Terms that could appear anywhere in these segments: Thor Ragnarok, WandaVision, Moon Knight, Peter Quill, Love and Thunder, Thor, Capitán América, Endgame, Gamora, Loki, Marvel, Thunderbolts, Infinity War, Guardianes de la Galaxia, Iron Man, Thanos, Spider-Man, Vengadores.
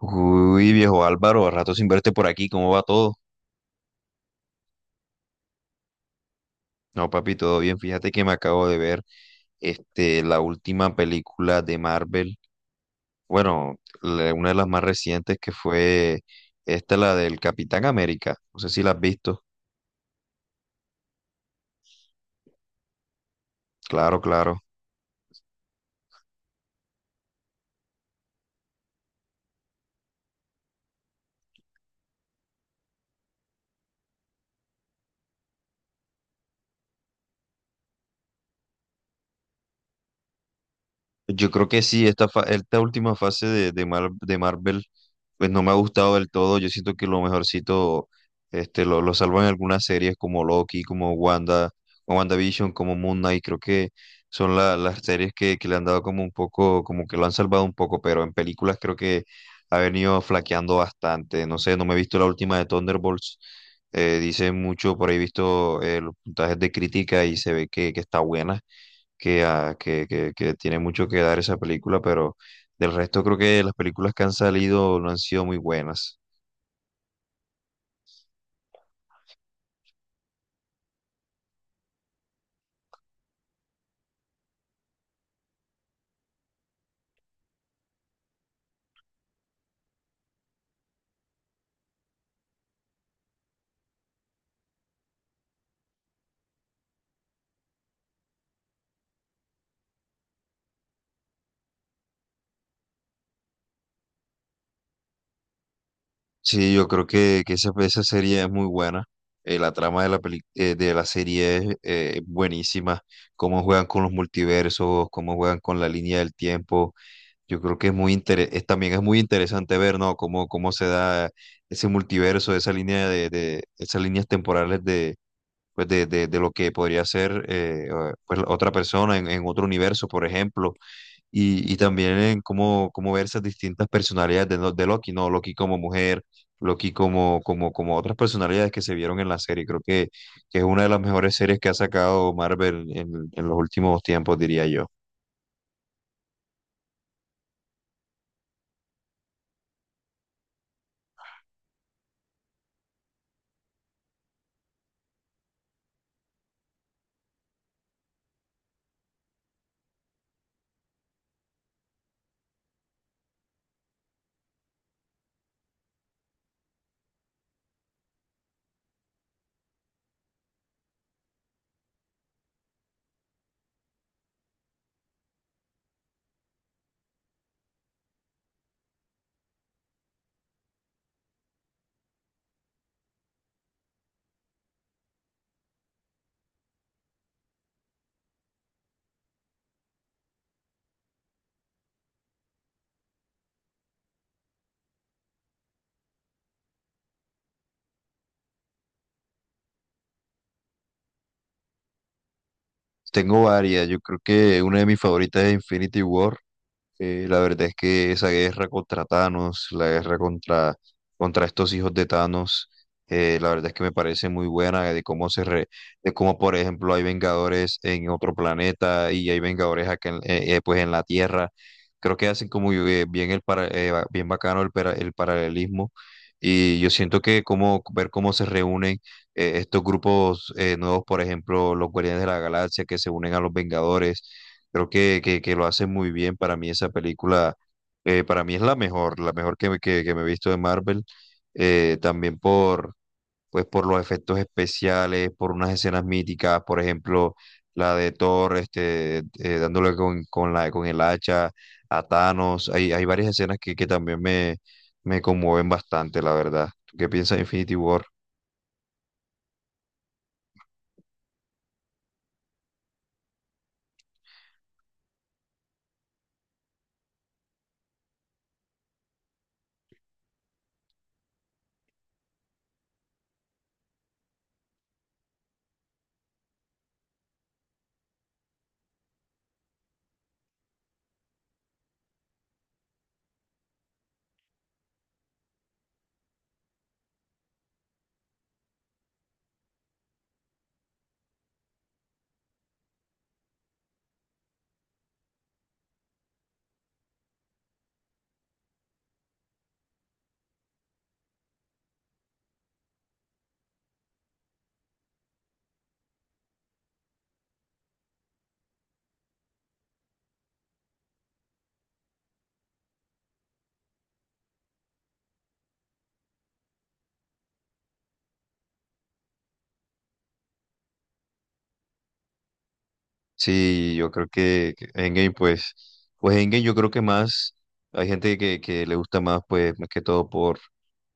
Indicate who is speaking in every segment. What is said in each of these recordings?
Speaker 1: Uy, viejo Álvaro, rato sin verte por aquí, ¿cómo va todo? No, papi, todo bien. Fíjate que me acabo de ver la última película de Marvel. Bueno, una de las más recientes que fue esta, la del Capitán América. No sé si la has visto. Claro, claro. Yo creo que sí, esta, esta última fase de de Marvel, pues no me ha gustado del todo. Yo siento que lo mejorcito lo salvan algunas series como Loki, como Wanda, como WandaVision, como Moon Knight. Creo que son las series que le han dado como un poco, como que lo han salvado un poco, pero en películas creo que ha venido flaqueando bastante. No sé, no me he visto la última de Thunderbolts. Dicen mucho, por ahí he visto los puntajes de crítica y se ve que está buena que tiene mucho que dar esa película, pero del resto creo que las películas que han salido no han sido muy buenas. Sí, yo creo que esa serie es muy buena. La trama de de la serie es buenísima. Cómo juegan con los multiversos, cómo juegan con la línea del tiempo. Yo creo que es muy es, también es muy interesante ver, ¿no? Cómo, cómo se da ese multiverso, esa línea de esas líneas temporales de, de lo que podría ser pues otra persona en otro universo, por ejemplo y también en cómo, cómo ver esas distintas personalidades de Loki, ¿no? Loki como mujer, Loki como otras personalidades que se vieron en la serie. Creo que es una de las mejores series que ha sacado Marvel en los últimos tiempos, diría yo. Tengo varias, yo creo que una de mis favoritas es Infinity War. La verdad es que esa guerra contra Thanos, la guerra contra, contra estos hijos de Thanos, la verdad es que me parece muy buena de cómo de cómo, por ejemplo, hay Vengadores en otro planeta y hay Vengadores acá en, pues en la Tierra. Creo que hacen como bien bien bacano el paralelismo. Y yo siento que como ver cómo se reúnen estos grupos nuevos, por ejemplo, los Guardianes de la Galaxia que se unen a los Vengadores. Creo que lo hace muy bien. Para mí esa película, para mí es la mejor que me he visto de Marvel. También por, pues por los efectos especiales, por unas escenas míticas, por ejemplo, la de Thor, dándole con la, con el hacha a Thanos. Hay varias escenas que también me conmueven bastante, la verdad. ¿Tú qué piensas de Infinity War? Sí, yo creo que Endgame, pues, pues Endgame yo creo que más, hay gente que le gusta más, pues, más que todo por,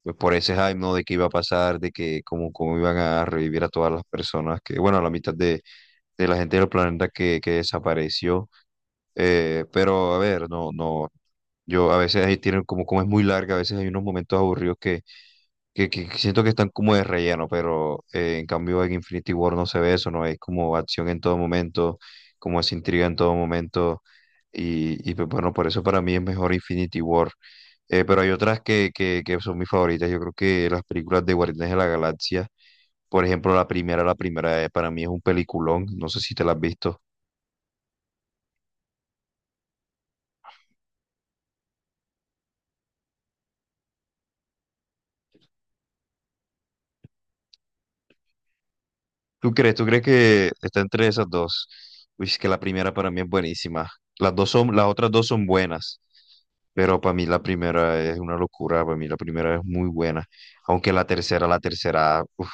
Speaker 1: pues, por ese hype, ¿no? De qué iba a pasar, de que cómo, cómo iban a revivir a todas las personas, que, bueno, a la mitad de la gente del planeta que desapareció. Pero, a ver, no, no, yo a veces ahí tienen como, como es muy larga, a veces hay unos momentos aburridos que siento que están como de relleno, pero en cambio en Infinity War no se ve eso, ¿no? Es como acción en todo momento como esa intriga en todo momento. Y pues bueno, por eso para mí es mejor Infinity War. Pero hay otras que son mis favoritas. Yo creo que las películas de Guardianes de la Galaxia, por ejemplo, la primera para mí es un peliculón. No sé si te la has visto. ¿Tú crees? ¿Tú crees que está entre esas dos? Uy, es que la primera para mí es buenísima. Las dos son, las otras dos son buenas. Pero para mí la primera es una locura, para mí la primera es muy buena, aunque la tercera, uf.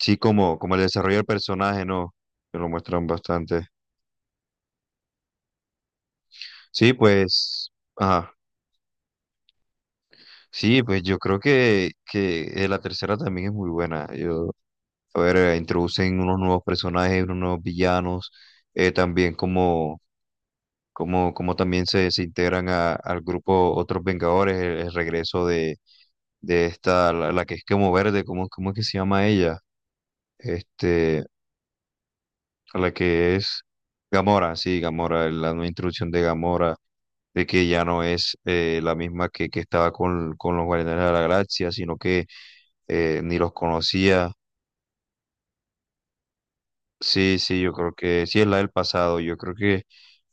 Speaker 1: Sí, como, como el desarrollo del personaje, ¿no? Que lo muestran bastante. Sí, pues, ajá. Sí, pues yo creo que la tercera también es muy buena. Yo, a ver, introducen unos nuevos personajes, unos nuevos villanos, también como también se integran al grupo Otros Vengadores, el regreso de esta, la que es como verde, ¿cómo, cómo es que se llama ella? Este, a la que es Gamora, sí, Gamora, la nueva introducción de Gamora, de que ya no es la misma que estaba con los Guardianes de la Galaxia, sino que ni los conocía. Sí, sí, yo creo que sí es la del pasado, yo creo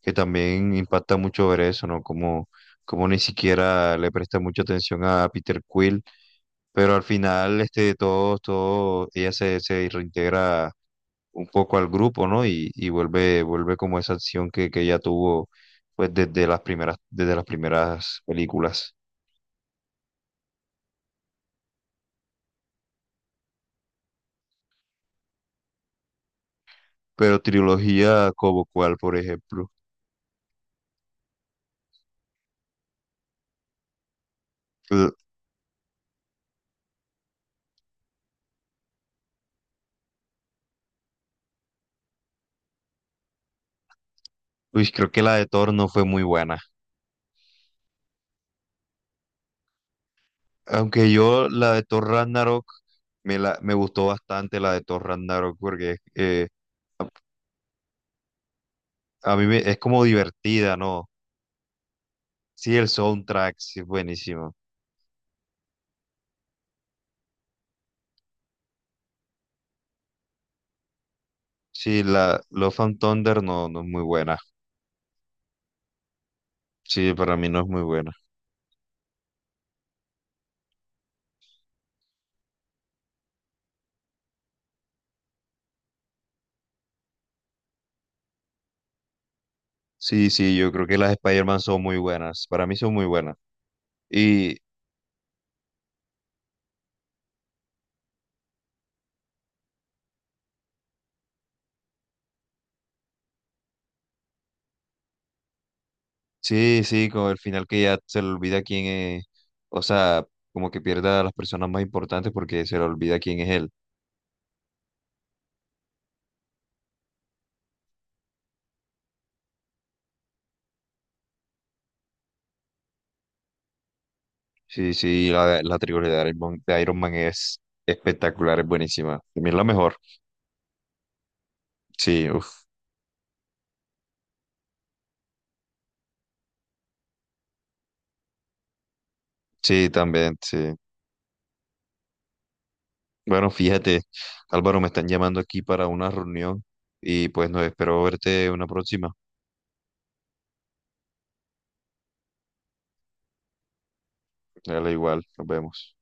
Speaker 1: que también impacta mucho ver eso, ¿no? Como, como ni siquiera le presta mucha atención a Peter Quill, pero al final todos, todos, ella se, se reintegra un poco al grupo, ¿no? Y vuelve, vuelve como esa acción que ella tuvo pues desde las primeras películas. Pero trilogía como cuál, por ejemplo. L- Uy, creo que la de Thor no fue muy buena. Aunque yo la de Thor Ragnarok me gustó bastante la de Thor Ragnarok porque a es como divertida, ¿no? Sí, el soundtrack sí es buenísimo. Sí, la Love and Thunder no, no es muy buena. Sí, para mí no es muy buena. Sí, sí, yo creo que las Spider-Man son muy buenas. Para mí son muy buenas. Y sí, sí, con el final que ya se le olvida quién es. O sea, como que pierda a las personas más importantes porque se le olvida quién es él. Sí, sí, la trilogía de Iron Man es espectacular, es buenísima. También es la mejor. Sí, uf, sí, también, sí. Bueno, fíjate, Álvaro, me están llamando aquí para una reunión y pues no espero verte una próxima. Dale igual, nos vemos.